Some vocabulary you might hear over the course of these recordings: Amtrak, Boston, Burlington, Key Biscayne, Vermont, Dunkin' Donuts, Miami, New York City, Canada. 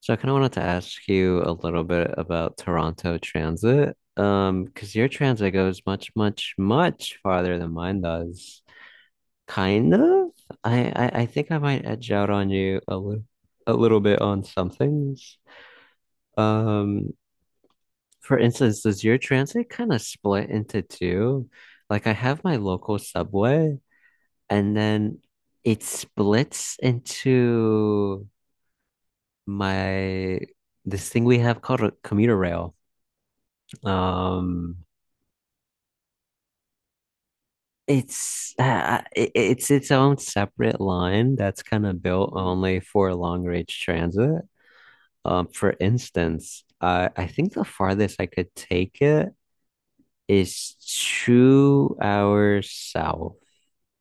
So I kind of wanted to ask you a little bit about Toronto transit, because your transit goes much, much, much farther than mine does. Kind of. I think I might edge out on you a little bit on some things. Um, for instance, does your transit kind of split into two? Like I have my local subway, and then it splits into my this thing we have called a commuter rail. Um, it's its own separate line that's kind of built only for long range transit. For instance, I think the farthest I could take it is 2 hours south,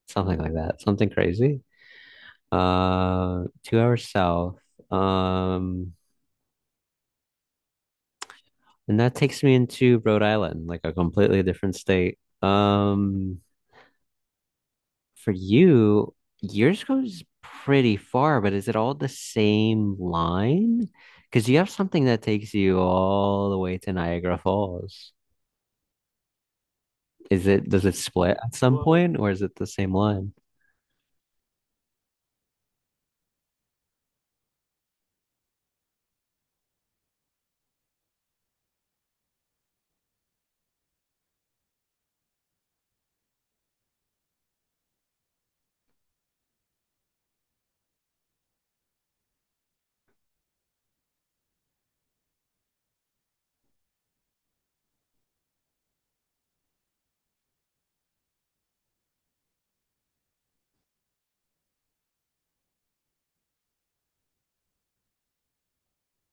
something like that, something crazy. 2 hours south. Um, and that takes me into Rhode Island, like a completely different state. For you, yours goes pretty far, but is it all the same line? Because you have something that takes you all the way to Niagara Falls. Is it, does it split at some point, or is it the same line?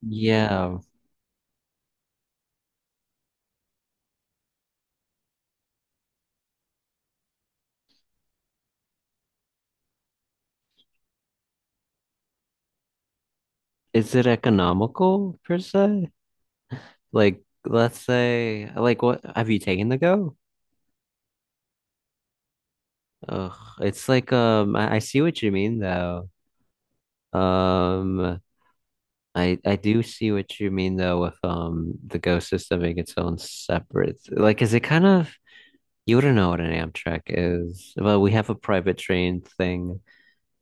Yeah. Is it economical per se? Like, let's say, like, what have you taken the Go? Ugh, it's like, I see what you mean though. Um, I do see what you mean though with the Go system being its own separate. Like, is it kind of you wouldn't know what an Amtrak is, but we have a private train thing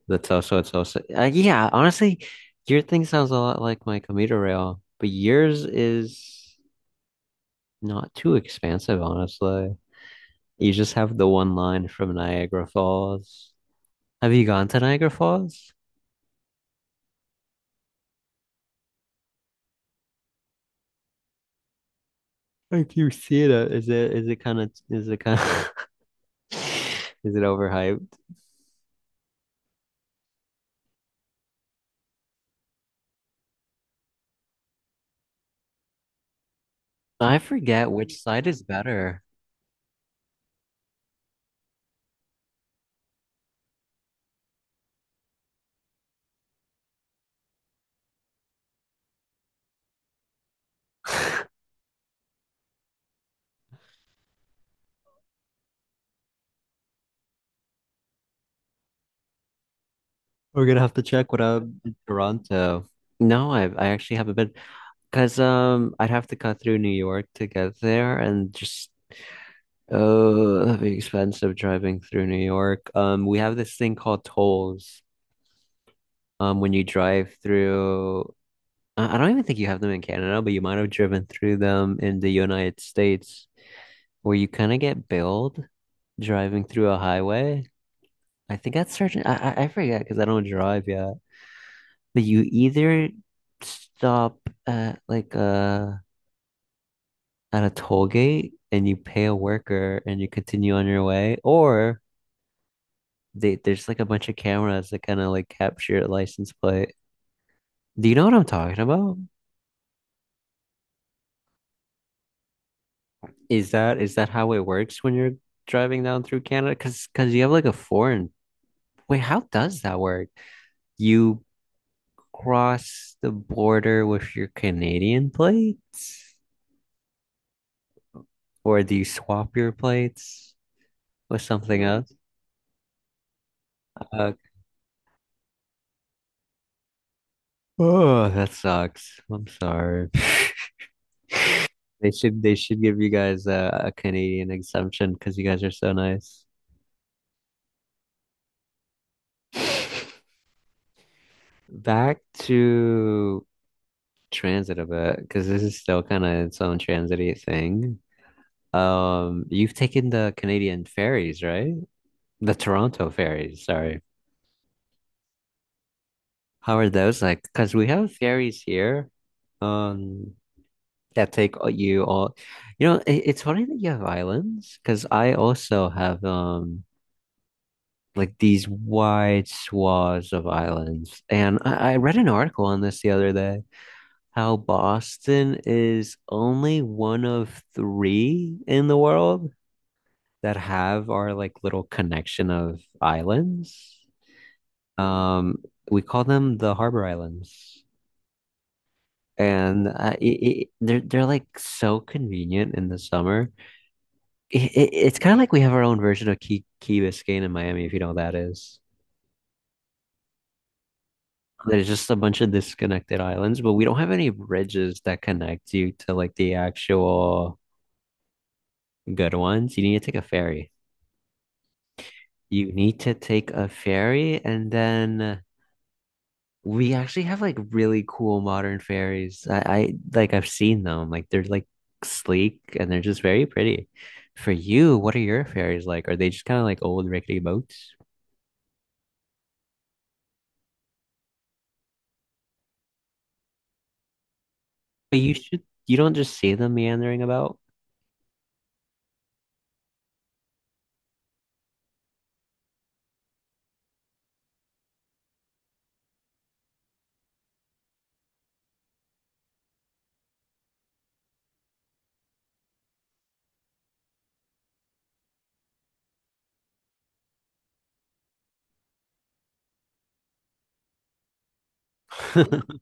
that's also it's also yeah. Honestly, your thing sounds a lot like my commuter rail, but yours is not too expansive, honestly. You just have the one line from Niagara Falls. Have you gone to Niagara Falls? Like you see it, is it is it kind of is it kind of is it overhyped? I forget which side is better. We're gonna have to check what up in Toronto. No, I actually haven't been because I'd have to cut through New York to get there and just oh that'd be expensive driving through New York. We have this thing called tolls. When you drive through I don't even think you have them in Canada, but you might have driven through them in the United States where you kind of get billed driving through a highway. I think that's certain. I forget because I don't drive yet. But you either stop at like at a toll gate and you pay a worker and you continue on your way, or there's like a bunch of cameras that kind of like capture your license plate. Do you know what I'm talking about? Is that how it works when you're driving down through Canada? Because you have like a foreign. Wait, how does that work? You cross the border with your Canadian plates, or do you swap your plates with something else? Uh, oh, that sucks. I'm sorry. They should give you guys a Canadian exemption because you guys are so nice. Back to transit a bit because this is still kind of its own transity thing. You've taken the Canadian ferries, right? The Toronto ferries, sorry. How are those like? Because we have ferries here, um, that take all. You know, it's funny that you have islands, because I also have like these wide swaths of islands, and I read an article on this the other day. How Boston is only one of three in the world that have our like little connection of islands. Um, we call them the Harbor Islands, and they're like so convenient in the summer. It's kind of like we have our own version of Key Biscayne in Miami, if you know what that is. There's just a bunch of disconnected islands, but we don't have any bridges that connect you to like the actual good ones. You need to take a ferry. You need to take a ferry and then we actually have like really cool modern fairies. I like I've seen them. Like they're like sleek and they're just very pretty. For you, what are your fairies like? Are they just kind of like old rickety boats? But you should you don't just see them meandering about.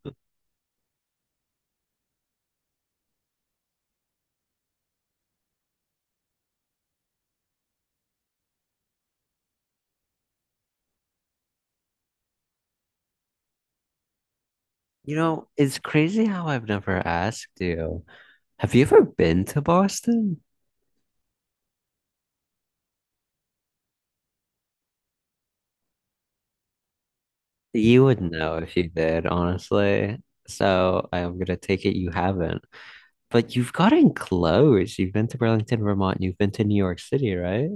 You know, it's crazy how I've never asked you. Have you ever been to Boston? You would know if you did, honestly. So I'm gonna take it you haven't. But you've gotten close. You've been to Burlington, Vermont. You've been to New York City, right?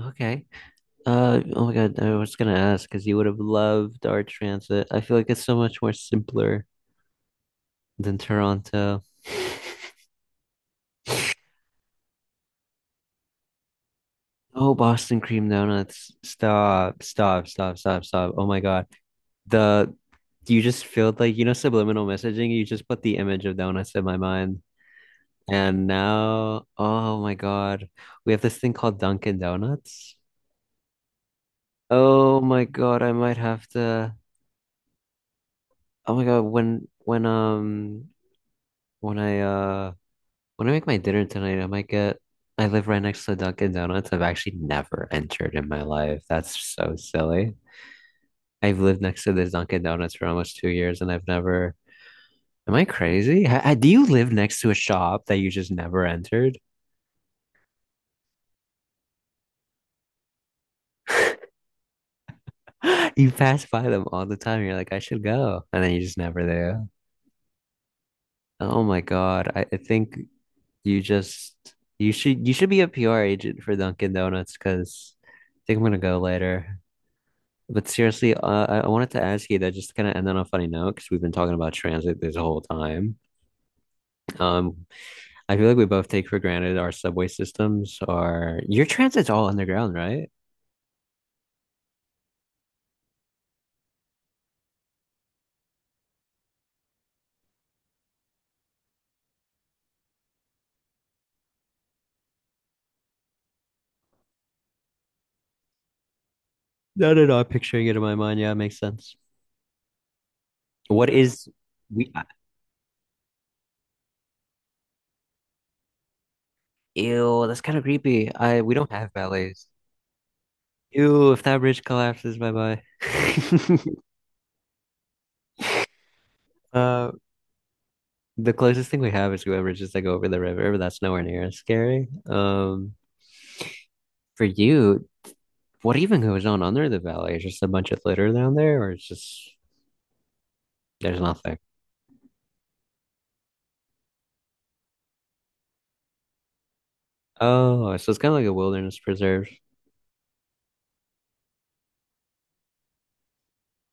Okay. Oh my God, I was gonna ask because you would have loved our transit. I feel like it's so much more simpler than Toronto. Oh, Boston cream donuts. Stop, stop, stop, stop, stop. Oh my God. The you just feel like you know subliminal messaging, you just put the image of donuts in my mind. And now, oh my God, we have this thing called Dunkin' Donuts. Oh my God, I might have to. Oh my God, when I when I make my dinner tonight, I might get, I live right next to Dunkin' Donuts. I've actually never entered in my life. That's so silly. I've lived next to this Dunkin' Donuts for almost 2 years and I've never, am I crazy? Do you live next to a shop that you just never entered? You pass by them all the time. You're like, I should go. And then you just never do. Oh my God. I think you just, you should be a PR agent for Dunkin' Donuts because I think I'm gonna go later. But seriously, I wanted to ask you that just to kind of end on a funny note because we've been talking about transit this whole time. Um, I feel like we both take for granted our subway systems are your transit's all underground, right? No, no, no. I'm picturing it in my mind. Yeah, it makes sense. What is we? I- Ew, that's kind of creepy. I we don't have valets. Ew, if that bridge collapses, bye bye. Uh, the closest thing we have is whoever just like over the river, but that's nowhere near as scary. For you. What even goes on under the valley? Is just a bunch of litter down there, or it's just there's nothing. Oh, so it's kind of like a wilderness preserve.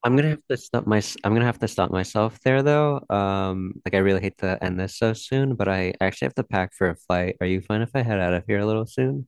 I'm gonna have to stop myself there though. Like I really hate to end this so soon, but I actually have to pack for a flight. Are you fine if I head out of here a little soon?